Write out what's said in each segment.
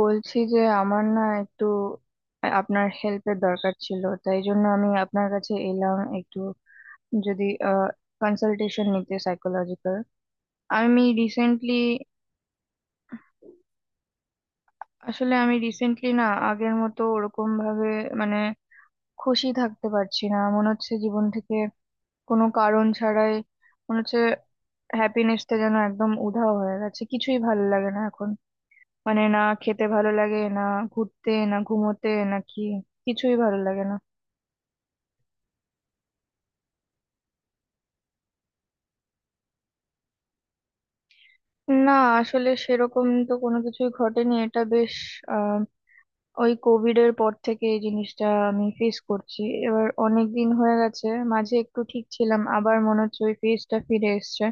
বলছি যে আমার না একটু আপনার হেল্পের দরকার ছিল, তাই জন্য আমি আপনার কাছে এলাম একটু যদি কনসালটেশন নিতে সাইকোলজিক্যাল। আমি রিসেন্টলি আমি রিসেন্টলি না আগের মতো ওরকম ভাবে, মানে খুশি থাকতে পারছি না, মনে হচ্ছে জীবন থেকে কোনো কারণ ছাড়াই মনে হচ্ছে হ্যাপিনেসটা যেন একদম উধাও হয়ে গেছে। কিছুই ভালো লাগে না এখন, না খেতে ভালো লাগে, না ঘুরতে, না ঘুমোতে, না কি কিছুই ভালো লাগে না। না, আসলে সেরকম তো কোনো কিছুই ঘটেনি। এটা বেশ আহ ওই কোভিড এর পর থেকে এই জিনিসটা আমি ফেস করছি। এবার অনেক দিন হয়ে গেছে, মাঝে একটু ঠিক ছিলাম, আবার মনে হচ্ছে ওই ফেজটা ফিরে এসছে।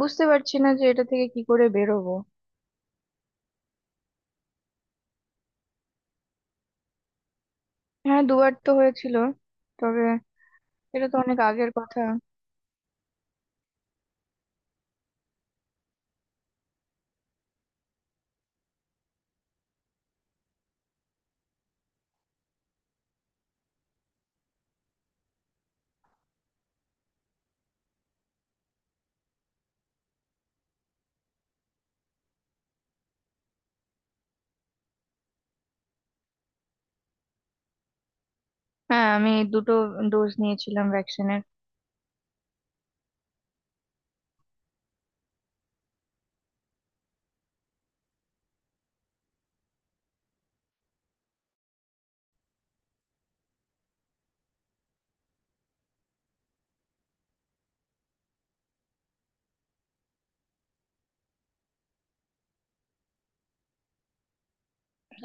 বুঝতে পারছি না যে এটা থেকে কি করে বেরোবো। হ্যাঁ, দুবার তো হয়েছিল, তবে এটা তো অনেক আগের কথা। হ্যাঁ, আমি দুটো ডোজ নিয়েছিলাম ভ্যাকসিনের।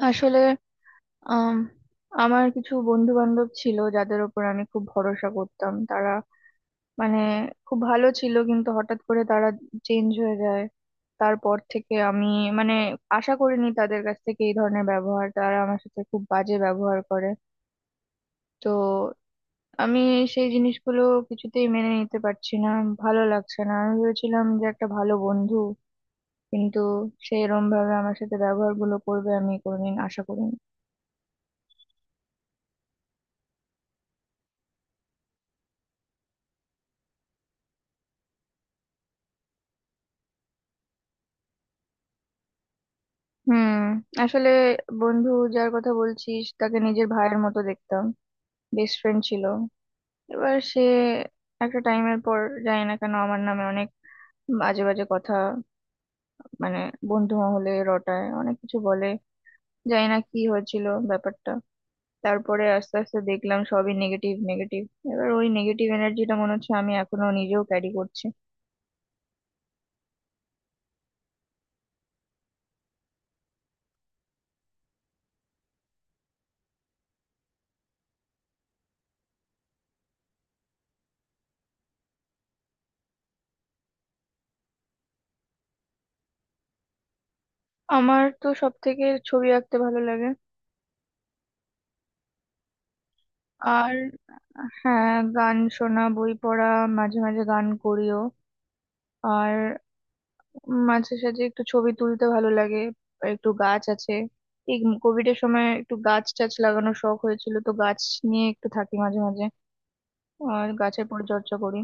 আসলে আম, আমার কিছু বন্ধু বান্ধব ছিল যাদের ওপর আমি খুব ভরসা করতাম, তারা মানে খুব ভালো ছিল, কিন্তু হঠাৎ করে তারা চেঞ্জ হয়ে যায়। তারপর থেকে আমি, মানে আশা করিনি তাদের কাছ থেকে এই ধরনের ব্যবহার, তারা আমার সাথে খুব বাজে ব্যবহার করে। তো আমি সেই জিনিসগুলো কিছুতেই মেনে নিতে পারছি না, ভালো লাগছে না। আমি ভেবেছিলাম যে একটা ভালো বন্ধু, কিন্তু সে এরম ভাবে আমার সাথে ব্যবহারগুলো করবে আমি কোনোদিন আশা করিনি। হুম, আসলে বন্ধু যার কথা বলছিস তাকে নিজের ভাইয়ের মতো দেখতাম, বেস্ট ফ্রেন্ড ছিল। এবার সে একটা টাইমের পর, জানি না কেন, আমার নামে অনেক বাজে বাজে কথা, মানে বন্ধু মহলে রটায়, অনেক কিছু বলে। জানি না কি হয়েছিল ব্যাপারটা। তারপরে আস্তে আস্তে দেখলাম সবই নেগেটিভ নেগেটিভ। এবার ওই নেগেটিভ এনার্জিটা মনে হচ্ছে আমি এখনো নিজেও ক্যারি করছি। আমার তো সব থেকে ছবি আঁকতে ভালো লাগে। আর হ্যাঁ, গান শোনা, বই পড়া, মাঝে মাঝে গান করিও। আর মাঝে সাঝে একটু ছবি তুলতে ভালো লাগে। আর একটু গাছ আছে, এই কোভিড এর সময় একটু গাছ টাছ লাগানোর শখ হয়েছিল, তো গাছ নিয়ে একটু থাকি মাঝে মাঝে আর গাছের পরিচর্যা করি।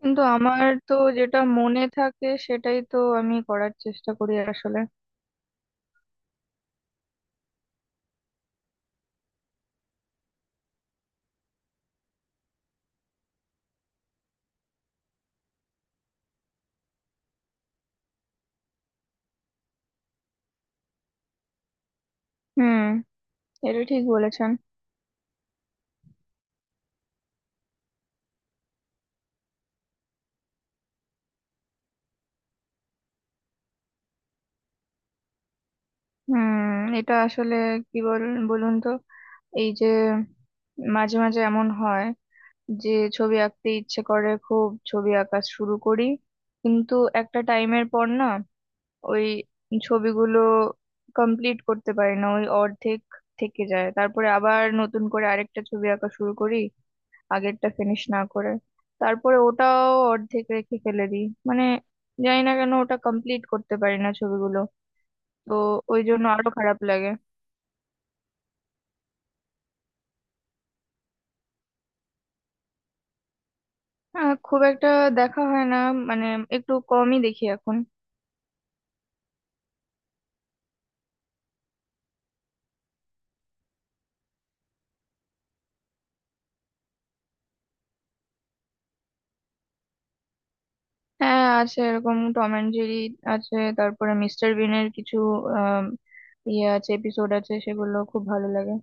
কিন্তু আমার তো যেটা মনে থাকে সেটাই তো আমি করার চেষ্টা করি আসলে। হুম, এটা ঠিক বলেছেন। হুম, এটা আসলে কি বলুন তো, এই যে মাঝে মাঝে এমন হয় যে ছবি আঁকতে ইচ্ছে করে, খুব ছবি আঁকা শুরু করি, কিন্তু একটা টাইমের পর না ওই ছবিগুলো কমপ্লিট করতে পারি না, ওই অর্ধেক থেকে যায়। তারপরে আবার নতুন করে আরেকটা ছবি আঁকা শুরু করি আগেরটা ফিনিশ না করে, তারপরে ওটাও অর্ধেক রেখে ফেলে দিই। জানি না কেন ওটা কমপ্লিট করতে পারি না ছবিগুলো, তো ওই জন্য আরো খারাপ লাগে। হ্যাঁ, খুব একটা দেখা হয় না, মানে একটু কমই দেখি এখন। হ্যাঁ আছে, এরকম টম অ্যান্ড জেরি আছে, তারপরে মিস্টার বিনের কিছু আম, ইয়ে আছে, এপিসোড আছে, সেগুলো খুব ভালো লাগে।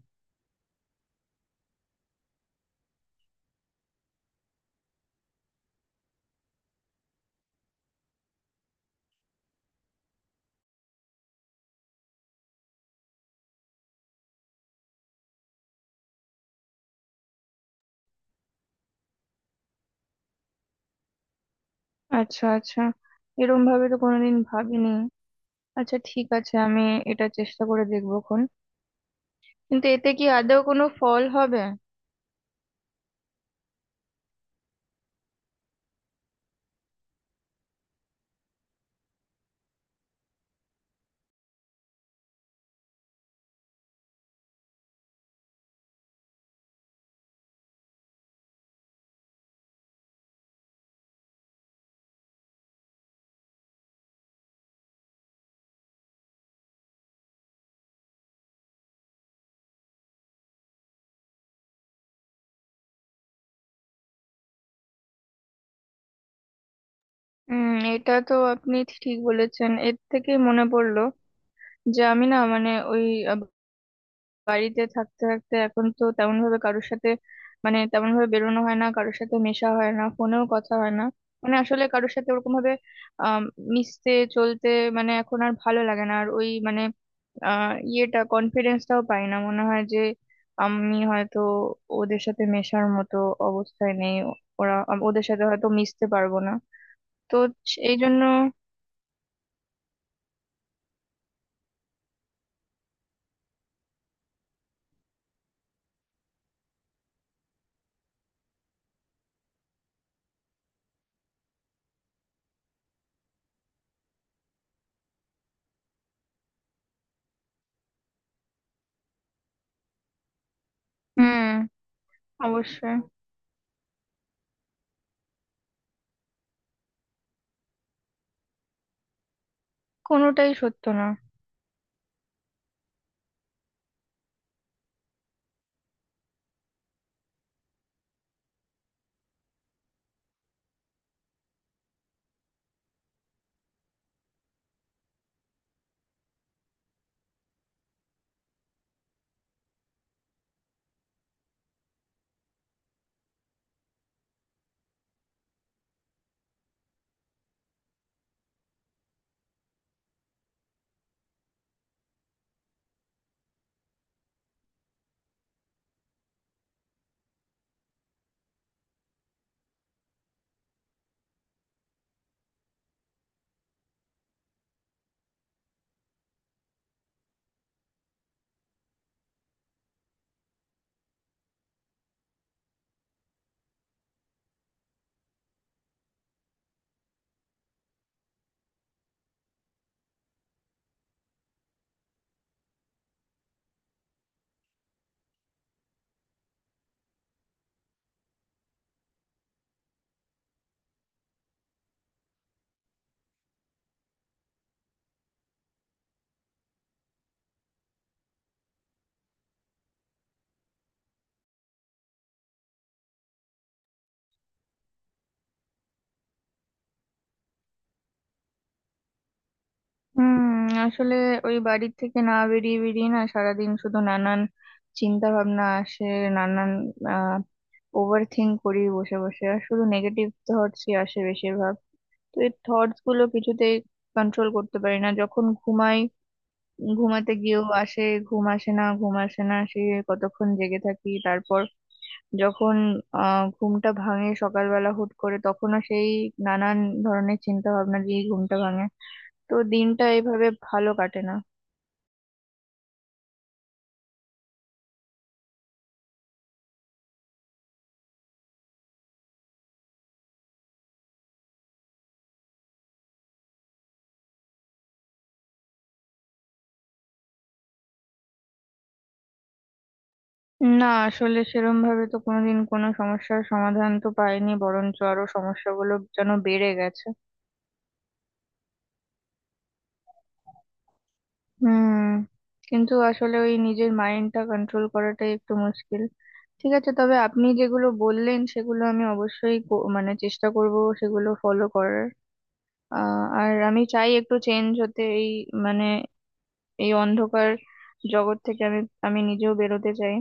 আচ্ছা আচ্ছা, এরকম ভাবে তো কোনোদিন ভাবিনি। আচ্ছা ঠিক আছে, আমি এটা চেষ্টা করে দেখবো খন। কিন্তু এতে কি আদৌ কোনো ফল হবে? হুম, এটা তো আপনি ঠিক বলেছেন। এর থেকে মনে পড়লো যে আমি না, ওই বাড়িতে থাকতে থাকতে এখন তো তেমন ভাবে কারোর সাথে, তেমন ভাবে বেরোনো হয় না, কারোর সাথে মেশা হয় না, ফোনেও কথা হয় না। আসলে কারোর সাথে ওরকম ভাবে আহ মিশতে, চলতে, এখন আর ভালো লাগে না। আর ওই মানে আহ ইয়েটা, কনফিডেন্সটাও পাই না, মনে হয় যে আমি হয়তো ওদের সাথে মেশার মতো অবস্থায় নেই, ওদের সাথে হয়তো মিশতে পারবো না, তো এই জন্য। হুম, অবশ্যই। কোনোটাই সত্য না। হুম, আসলে ওই বাড়ি থেকে না বেরিয়ে বেরিয়ে না সারাদিন শুধু নানান চিন্তা ভাবনা আসে। নানান আহ ওভার থিঙ্ক করি বসে বসে আর শুধু নেগেটিভ থটসই আসে বেশিরভাগ। তো এই থটস গুলো কিছুতেই কন্ট্রোল করতে পারি না। যখন ঘুমাই, ঘুমাতে গিয়েও আসে, ঘুম আসে না, ঘুম আসে না, সে কতক্ষণ জেগে থাকি। তারপর যখন ঘুমটা ভাঙে সকালবেলা হুট করে, তখনও সেই নানান ধরনের চিন্তা ভাবনা দিয়ে ঘুমটা ভাঙে। তো দিনটা এইভাবে ভালো কাটে না। না, আসলে সেরম ভাবে তো কোনোদিন কোনো সমস্যার সমাধান তো পাইনি, বরঞ্চ আরো সমস্যাগুলো যেন বেড়ে গেছে। হুম, কিন্তু আসলে ওই নিজের মাইন্ডটা কন্ট্রোল করাটাই একটু মুশকিল। ঠিক আছে, তবে আপনি যেগুলো বললেন সেগুলো আমি অবশ্যই কো- মানে চেষ্টা করব সেগুলো ফলো করার। আহ, আর আমি চাই একটু চেঞ্জ হতে এই, মানে এই অন্ধকার জগৎ থেকে আমি, আমি নিজেও বেরোতে চাই।